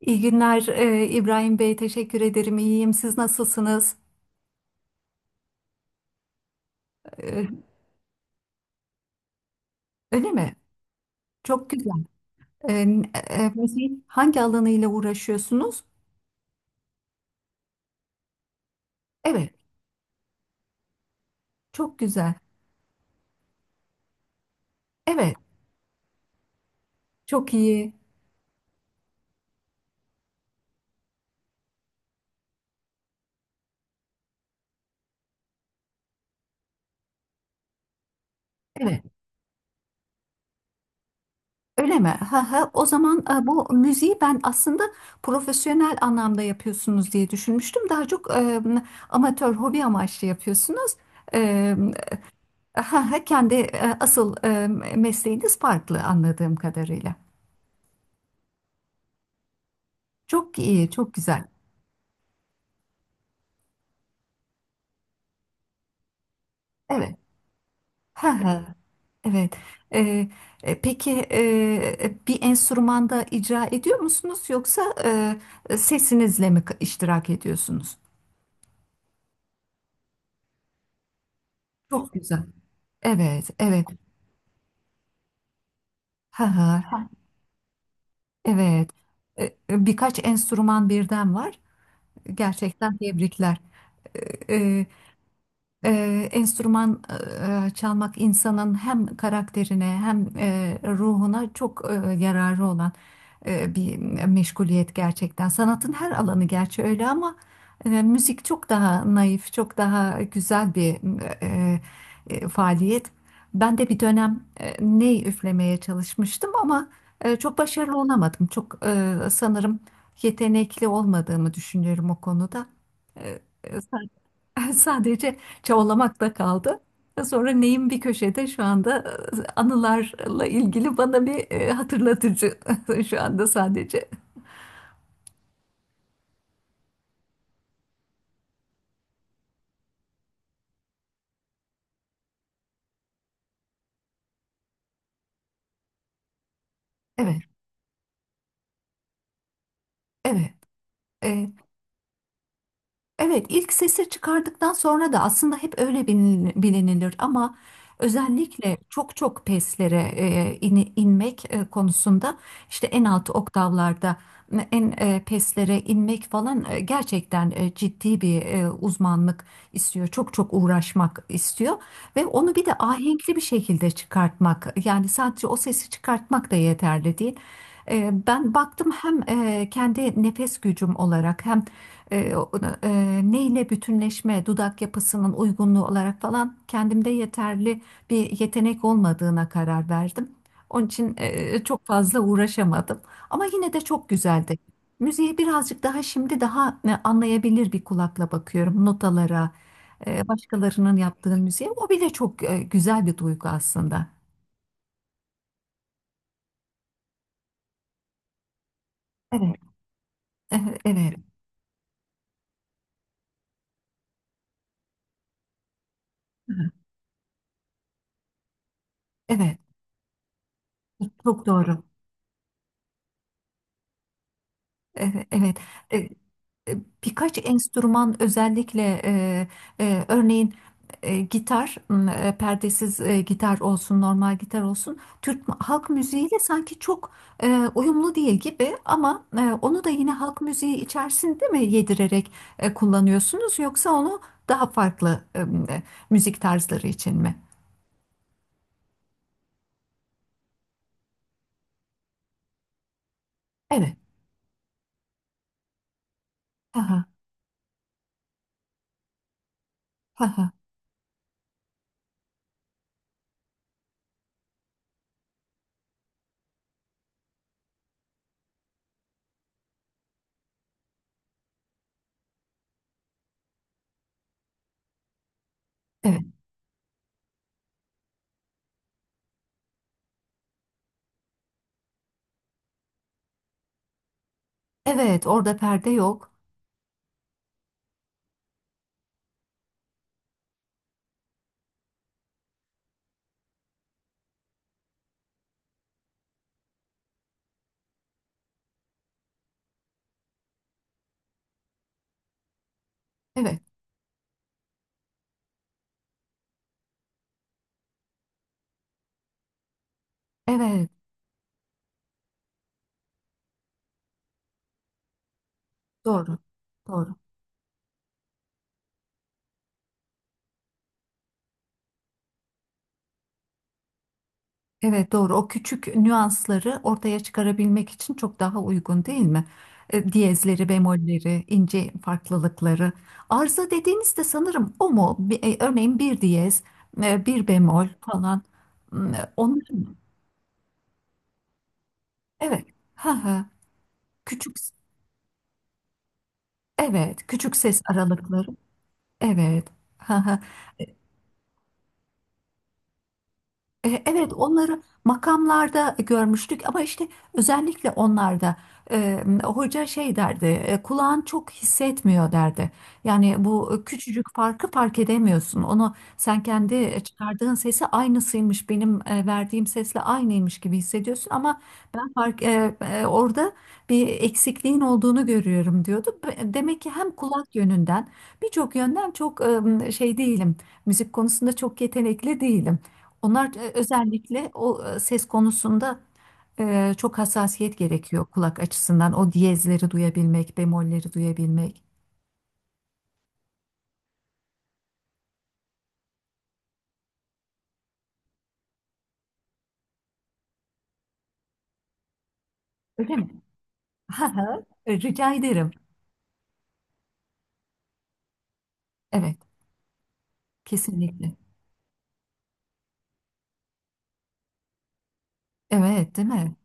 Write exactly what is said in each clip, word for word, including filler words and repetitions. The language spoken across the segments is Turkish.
İyi günler e, İbrahim Bey, teşekkür ederim. İyiyim. Siz nasılsınız? E, öyle mi? Çok güzel. E, e, Müziğin hangi alanıyla uğraşıyorsunuz? Evet, çok güzel. Evet, çok iyi. Evet, öyle mi? Ha, ha. O zaman e, bu müziği ben aslında profesyonel anlamda yapıyorsunuz diye düşünmüştüm. Daha çok e, amatör, hobi amaçlı yapıyorsunuz. E, ha, ha, kendi e, asıl e, mesleğiniz farklı anladığım kadarıyla. Çok iyi, çok güzel. Evet. Ha ha. Evet. Ee, e, peki, e, e, bir enstrümanda icra ediyor musunuz yoksa e, e, sesinizle mi k- iştirak ediyorsunuz? Çok güzel. Evet, evet. Ha ha, ha. Evet. E, e, Birkaç enstrüman birden var. Gerçekten tebrikler. E, e, Eee, enstrüman eee, çalmak insanın hem karakterine hem eee, ruhuna çok eee, yararı olan eee, bir meşguliyet gerçekten. Sanatın her alanı gerçi öyle ama eee, müzik çok daha naif, çok daha güzel bir eee, eee, faaliyet. Ben de bir dönem eee, ney üflemeye çalışmıştım ama eee, çok başarılı olamadım. Çok eee, sanırım yetenekli olmadığımı düşünüyorum o konuda. Eee, Sadece çabalamakla kaldı. Sonra neyim bir köşede şu anda e, anılarla ilgili bana bir e, hatırlatıcı şu anda sadece. Evet, evet, evet. Evet, ilk sesi çıkardıktan sonra da aslında hep öyle bilin- bilinilir ama özellikle çok çok peslere e, in- inmek e, konusunda işte en alt oktavlarda en e, peslere inmek falan e, gerçekten e, ciddi bir e, uzmanlık istiyor. Çok çok uğraşmak istiyor ve onu bir de ahenkli bir şekilde çıkartmak, yani sadece o sesi çıkartmak da yeterli değil. E, Ben baktım hem e, kendi nefes gücüm olarak hem e, e, neyle bütünleşme, dudak yapısının uygunluğu olarak falan kendimde yeterli bir yetenek olmadığına karar verdim. Onun için e, çok fazla uğraşamadım. Ama yine de çok güzeldi. Müziğe birazcık daha şimdi daha e, anlayabilir bir kulakla bakıyorum notalara, e, başkalarının yaptığı müziğe. O bile çok e, güzel bir duygu aslında. Evet, evet, evet, hı hı, evet. Çok doğru. Evet, evet. E, e, Birkaç enstrüman özellikle, e, e, örneğin e, gitar, m, e, perdesiz e, gitar olsun, normal gitar olsun. Türk mu- halk müziğiyle sanki çok e, uyumlu değil gibi, ama e, onu da yine halk müziği içerisinde mi yedirerek e, kullanıyorsunuz, yoksa onu daha farklı e, e, müzik tarzları için mi? Evet. Aha, aha, evet. Evet, orada perde yok. Evet, evet. Doğru. Doğru. Evet, doğru. O küçük nüansları ortaya çıkarabilmek için çok daha uygun, değil mi? E, diyezleri, bemolleri, ince farklılıkları. Arıza dediğinizde sanırım o mu? Bir- e, örneğin bir diyez, e, bir bemol falan. Hmm, e, onlar mı? Evet. Ha ha. Küçük. Evet. Küçük ses aralıkları. Evet. Ha ha. E, Evet, onları makamlarda görmüştük ama işte özellikle onlarda e, hoca şey derdi, e, kulağın çok hissetmiyor derdi. Yani bu küçücük farkı fark edemiyorsun. Onu sen kendi çıkardığın sesi aynısıymış, benim e, verdiğim sesle aynıymış gibi hissediyorsun, ama ben fark e, e, orada bir eksikliğin olduğunu görüyorum diyordu. Be- Demek ki hem kulak yönünden birçok yönden çok e, şey değilim. Müzik konusunda çok yetenekli değilim. Onlar e, özellikle o e, ses konusunda e, çok hassasiyet gerekiyor kulak açısından. O diyezleri duyabilmek, bemolleri duyabilmek. Öyle mi? Ha, ha. E, Rica ederim. Evet, kesinlikle. Evet, değil mi?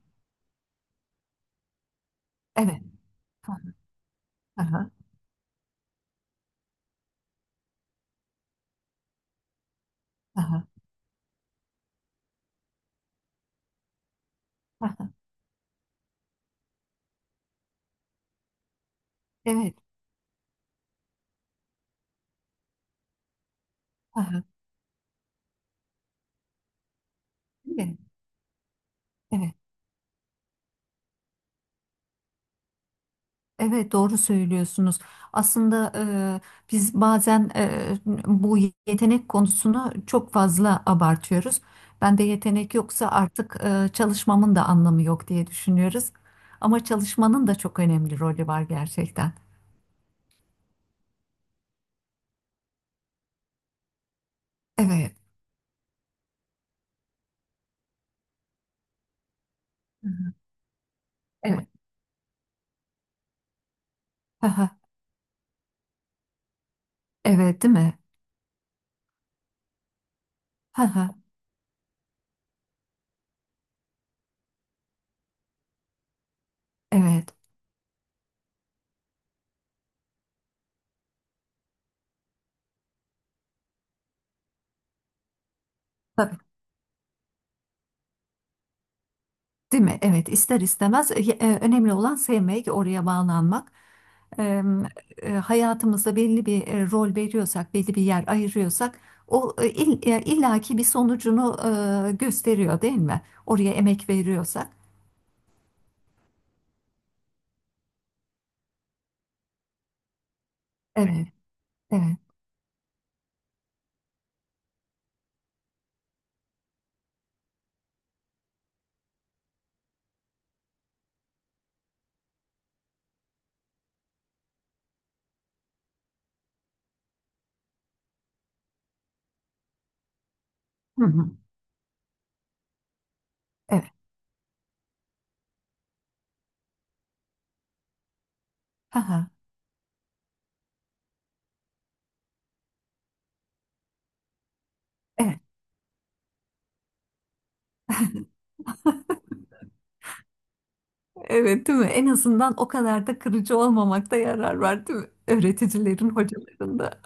Evet. Ha, ha, ha, ha, ha, ha. Evet. Ha, ha. Değil mi? Evet. Evet, doğru söylüyorsunuz. Aslında e, biz bazen, e, bu yetenek konusunu çok fazla abartıyoruz. Bende yetenek yoksa artık e, çalışmamın da anlamı yok diye düşünüyoruz. Ama çalışmanın da çok önemli rolü var gerçekten. Evet. Evet. Aha, evet, değil mi? Aha, evet. Değil mi? Evet, ister istemez e, e, önemli olan sevmek, oraya bağlanmak. E, e, Hayatımızda belli bir e, rol veriyorsak, belli bir yer ayırıyorsak, o e, il- e, illaki bir sonucunu e, gösteriyor, değil mi? Oraya emek veriyorsak. Evet, evet. Hı hı, evet. Aha, evet. Evet, değil mi? En azından o kadar da kırıcı olmamakta yarar var, değil mi? Öğreticilerin, hocaların da.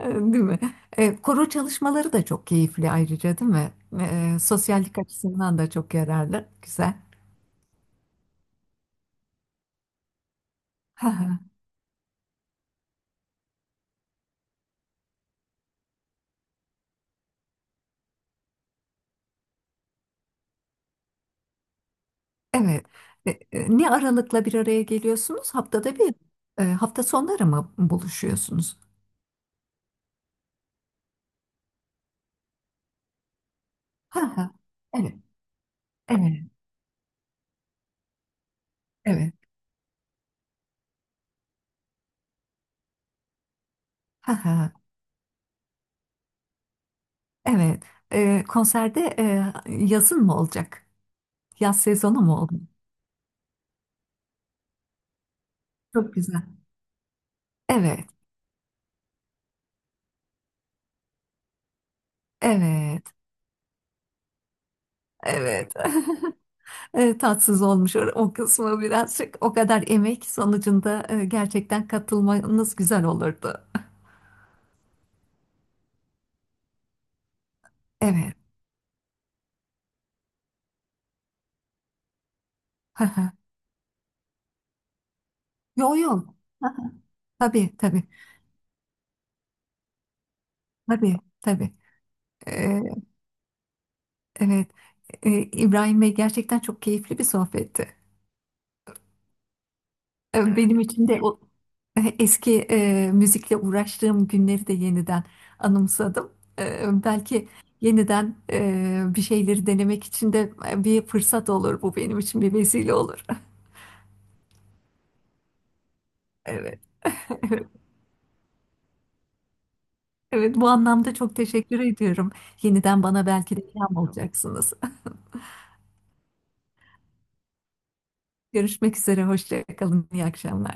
E, Değil mi? E, koro çalışmaları da çok keyifli ayrıca, değil mi? E, sosyallik açısından da çok yararlı. Güzel. Hı hı. Evet. E, e, ne aralıkla bir araya geliyorsunuz? Haftada bir, e, hafta sonları mı buluşuyorsunuz? Hı hı. Evet, evet, evet. Hı hı. Evet. E, konserde e, yazın mı olacak? Yaz sezonu mu oldu? Çok güzel. Evet, evet, evet. E, tatsız olmuş o, o kısmı birazcık. O kadar emek sonucunda e, gerçekten katılmanız güzel olurdu. Evet. Yo yo. Tabii tabii. Tabii tabii. E, evet. E, İbrahim Bey, gerçekten çok keyifli bir sohbetti. E, Evet, benim için de o e, eski e, müzikle uğraştığım günleri de yeniden anımsadım. E, belki yeniden e, bir şeyleri denemek için de e, bir fırsat olur, bu benim için bir vesile olur. Evet. Evet, bu anlamda çok teşekkür ediyorum. Yeniden bana belki de ilham olacaksınız. Görüşmek üzere, hoşça kalın, iyi akşamlar.